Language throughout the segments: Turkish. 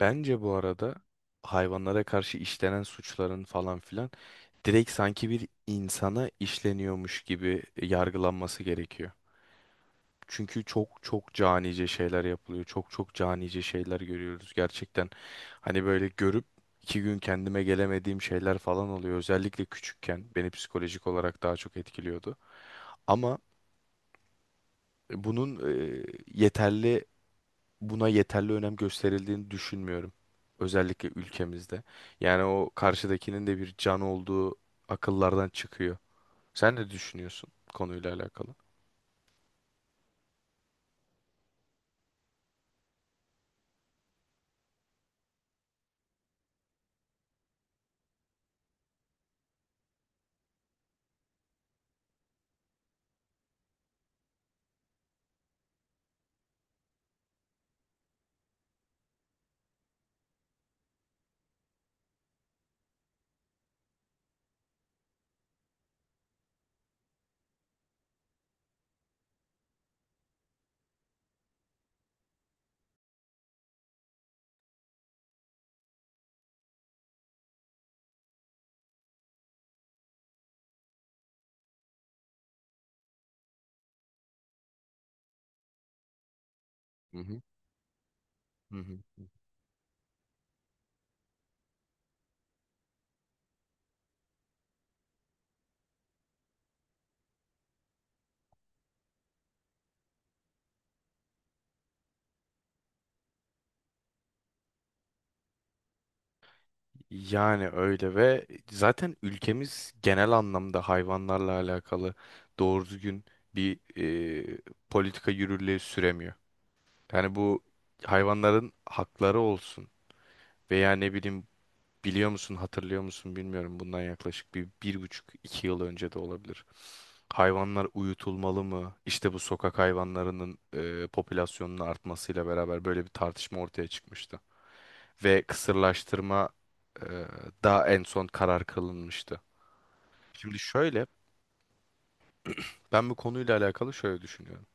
Bence bu arada hayvanlara karşı işlenen suçların falan filan direkt sanki bir insana işleniyormuş gibi yargılanması gerekiyor. Çünkü çok çok canice şeyler yapılıyor. Çok çok canice şeyler görüyoruz gerçekten. Hani böyle görüp 2 gün kendime gelemediğim şeyler falan oluyor. Özellikle küçükken beni psikolojik olarak daha çok etkiliyordu. Ama bunun e, yeterli buna yeterli önem gösterildiğini düşünmüyorum. Özellikle ülkemizde. Yani o karşıdakinin de bir can olduğu akıllardan çıkıyor. Sen ne düşünüyorsun konuyla alakalı? Hı hı. Hı hı. Yani öyle ve zaten ülkemiz genel anlamda hayvanlarla alakalı doğru düzgün bir e, politika yürürlüğe süremiyor. Yani bu hayvanların hakları olsun veya ne bileyim. Biliyor musun, hatırlıyor musun bilmiyorum. Bundan yaklaşık bir, 1,5, 2 yıl önce de olabilir. Hayvanlar uyutulmalı mı? İşte bu sokak hayvanlarının popülasyonunun artmasıyla beraber böyle bir tartışma ortaya çıkmıştı. Ve kısırlaştırma e, da en son karar kılınmıştı. Şimdi şöyle, ben bu konuyla alakalı şöyle düşünüyorum.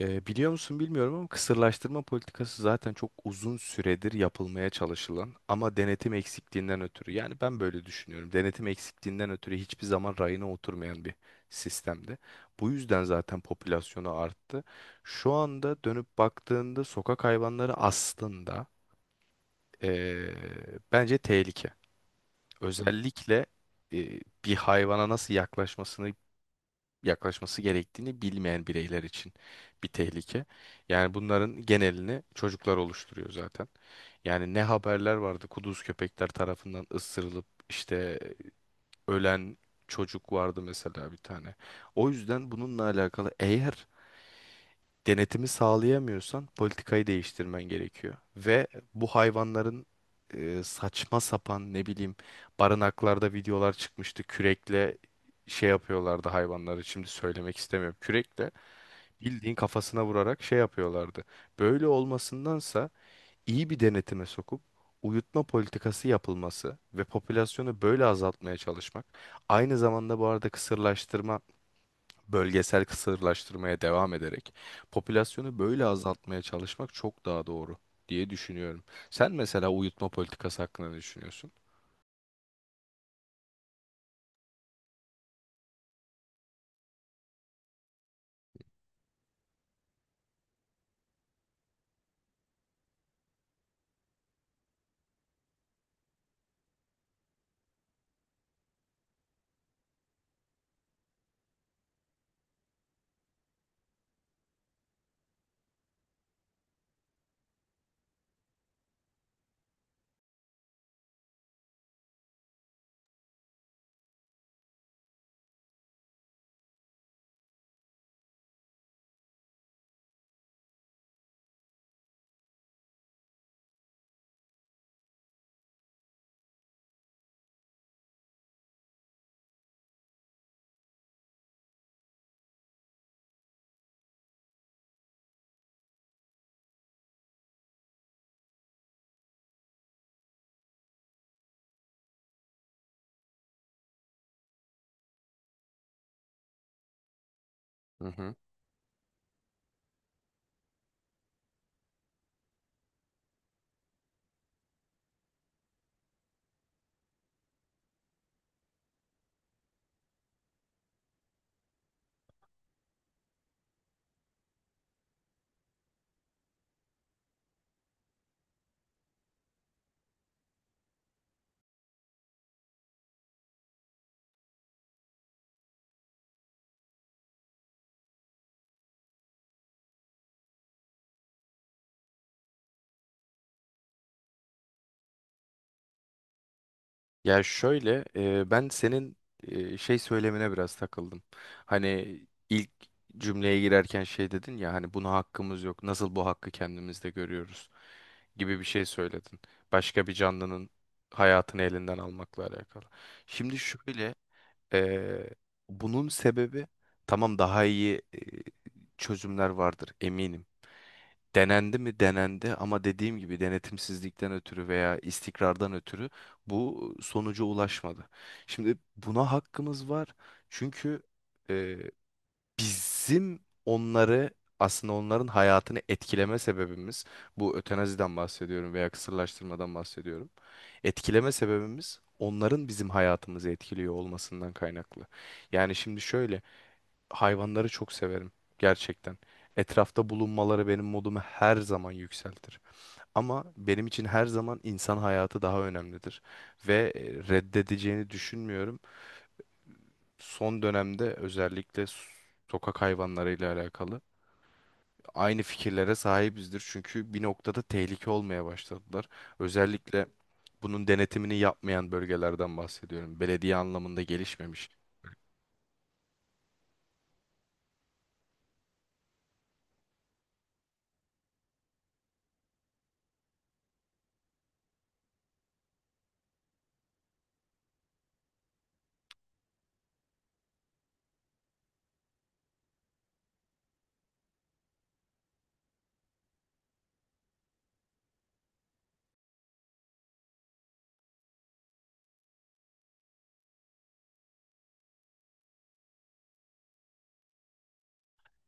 Biliyor musun bilmiyorum ama kısırlaştırma politikası zaten çok uzun süredir yapılmaya çalışılan ama denetim eksikliğinden ötürü, yani ben böyle düşünüyorum. Denetim eksikliğinden ötürü hiçbir zaman rayına oturmayan bir sistemdi. Bu yüzden zaten popülasyonu arttı. Şu anda dönüp baktığında sokak hayvanları aslında ee, bence tehlike. Özellikle bir hayvana nasıl yaklaşması gerektiğini bilmeyen bireyler için bir tehlike. Yani bunların genelini çocuklar oluşturuyor zaten. Yani ne haberler vardı kuduz köpekler tarafından ısırılıp işte ölen çocuk vardı mesela bir tane. O yüzden bununla alakalı eğer denetimi sağlayamıyorsan politikayı değiştirmen gerekiyor. Ve bu hayvanların saçma sapan ne bileyim barınaklarda videolar çıkmıştı. Kürekle şey yapıyorlardı hayvanları. Şimdi söylemek istemiyorum. Kürekle bildiğin kafasına vurarak şey yapıyorlardı. Böyle olmasındansa iyi bir denetime sokup uyutma politikası yapılması ve popülasyonu böyle azaltmaya çalışmak. Aynı zamanda bu arada kısırlaştırma, bölgesel kısırlaştırmaya devam ederek popülasyonu böyle azaltmaya çalışmak çok daha doğru diye düşünüyorum. Sen mesela uyutma politikası hakkında ne düşünüyorsun? Hı hı. Ya şöyle, ben senin şey söylemine biraz takıldım. Hani ilk cümleye girerken şey dedin ya, hani buna hakkımız yok. Nasıl bu hakkı kendimizde görüyoruz gibi bir şey söyledin. Başka bir canlının hayatını elinden almakla alakalı. Şimdi şöyle. Ee, bunun sebebi, tamam, daha iyi çözümler vardır eminim. Denendi mi denendi, ama dediğim gibi denetimsizlikten ötürü veya istikrardan ötürü bu sonuca ulaşmadı. Şimdi buna hakkımız var, çünkü bizim onları aslında onların hayatını etkileme sebebimiz, bu ötenaziden bahsediyorum veya kısırlaştırmadan bahsediyorum. Etkileme sebebimiz onların bizim hayatımızı etkiliyor olmasından kaynaklı. Yani şimdi şöyle, hayvanları çok severim gerçekten. Etrafta bulunmaları benim modumu her zaman yükseltir. Ama benim için her zaman insan hayatı daha önemlidir ve reddedeceğini düşünmüyorum. Son dönemde özellikle sokak hayvanlarıyla alakalı aynı fikirlere sahibizdir. Çünkü bir noktada tehlike olmaya başladılar. Özellikle bunun denetimini yapmayan bölgelerden bahsediyorum. Belediye anlamında gelişmemiş.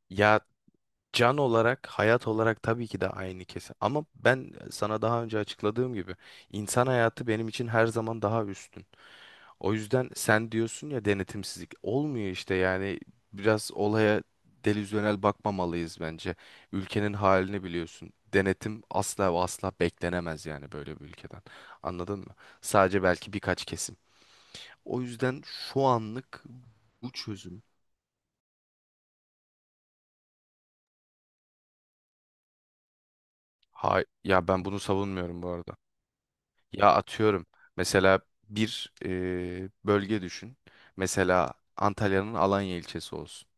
Ya, can olarak, hayat olarak tabii ki de aynı kesin. Ama ben sana daha önce açıkladığım gibi insan hayatı benim için her zaman daha üstün. O yüzden sen diyorsun ya denetimsizlik olmuyor işte, yani biraz olaya delüzyonel bakmamalıyız bence. Ülkenin halini biliyorsun. Denetim asla ve asla beklenemez yani böyle bir ülkeden. Anladın mı? Sadece belki birkaç kesim. O yüzden şu anlık bu çözüm. Hay ya, ben bunu savunmuyorum bu arada. Ya atıyorum, mesela bir bölge düşün. Mesela Antalya'nın Alanya ilçesi olsun.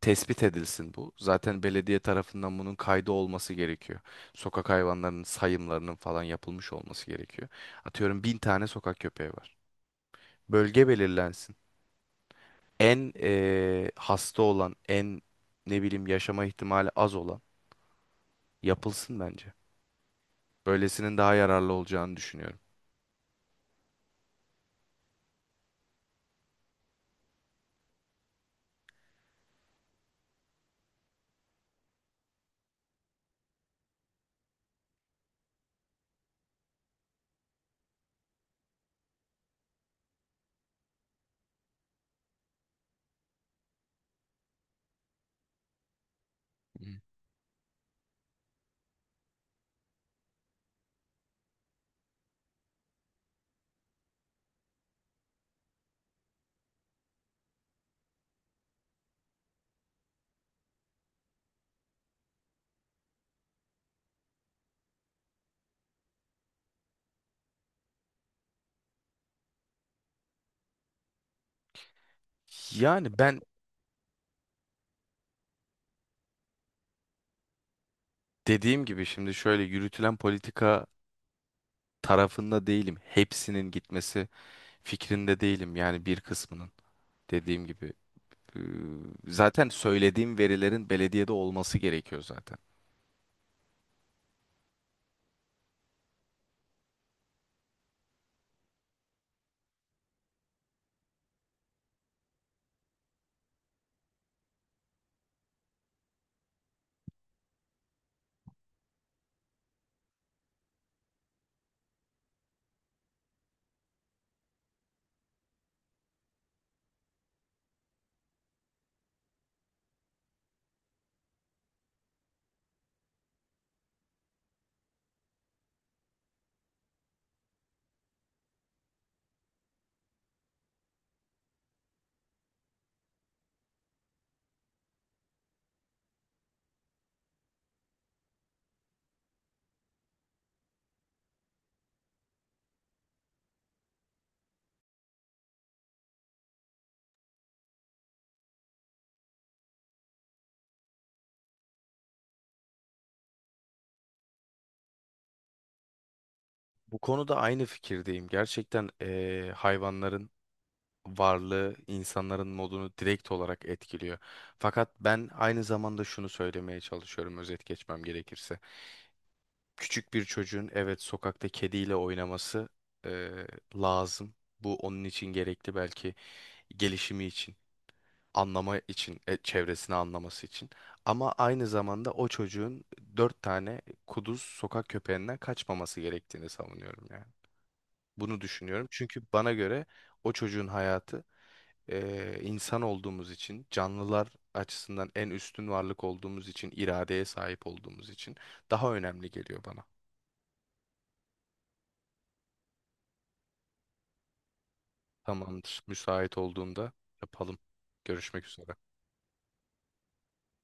Tespit edilsin bu. Zaten belediye tarafından bunun kaydı olması gerekiyor. Sokak hayvanlarının sayımlarının falan yapılmış olması gerekiyor. Atıyorum 1000 tane sokak köpeği var. Bölge belirlensin. En hasta olan, en ne bileyim yaşama ihtimali az olan yapılsın bence. Böylesinin daha yararlı olacağını düşünüyorum. Hı. Yani ben dediğim gibi şimdi şöyle, yürütülen politika tarafında değilim. Hepsinin gitmesi fikrinde değilim, yani bir kısmının, dediğim gibi. Ee, Zaten söylediğim verilerin belediyede olması gerekiyor zaten. Bu konuda aynı fikirdeyim. Gerçekten hayvanların varlığı insanların modunu direkt olarak etkiliyor. Fakat ben aynı zamanda şunu söylemeye çalışıyorum, özet geçmem gerekirse. Küçük bir çocuğun evet sokakta kediyle oynaması eee, lazım. Bu onun için gerekli belki, gelişimi için. Anlama için, çevresini anlaması için. Ama aynı zamanda o çocuğun dört tane kuduz sokak köpeğinden kaçmaması gerektiğini savunuyorum yani. Bunu düşünüyorum. Çünkü bana göre o çocuğun hayatı, insan olduğumuz için, canlılar açısından en üstün varlık olduğumuz için, iradeye sahip olduğumuz için daha önemli geliyor bana. Tamamdır. Müsait olduğunda yapalım. Görüşmek üzere.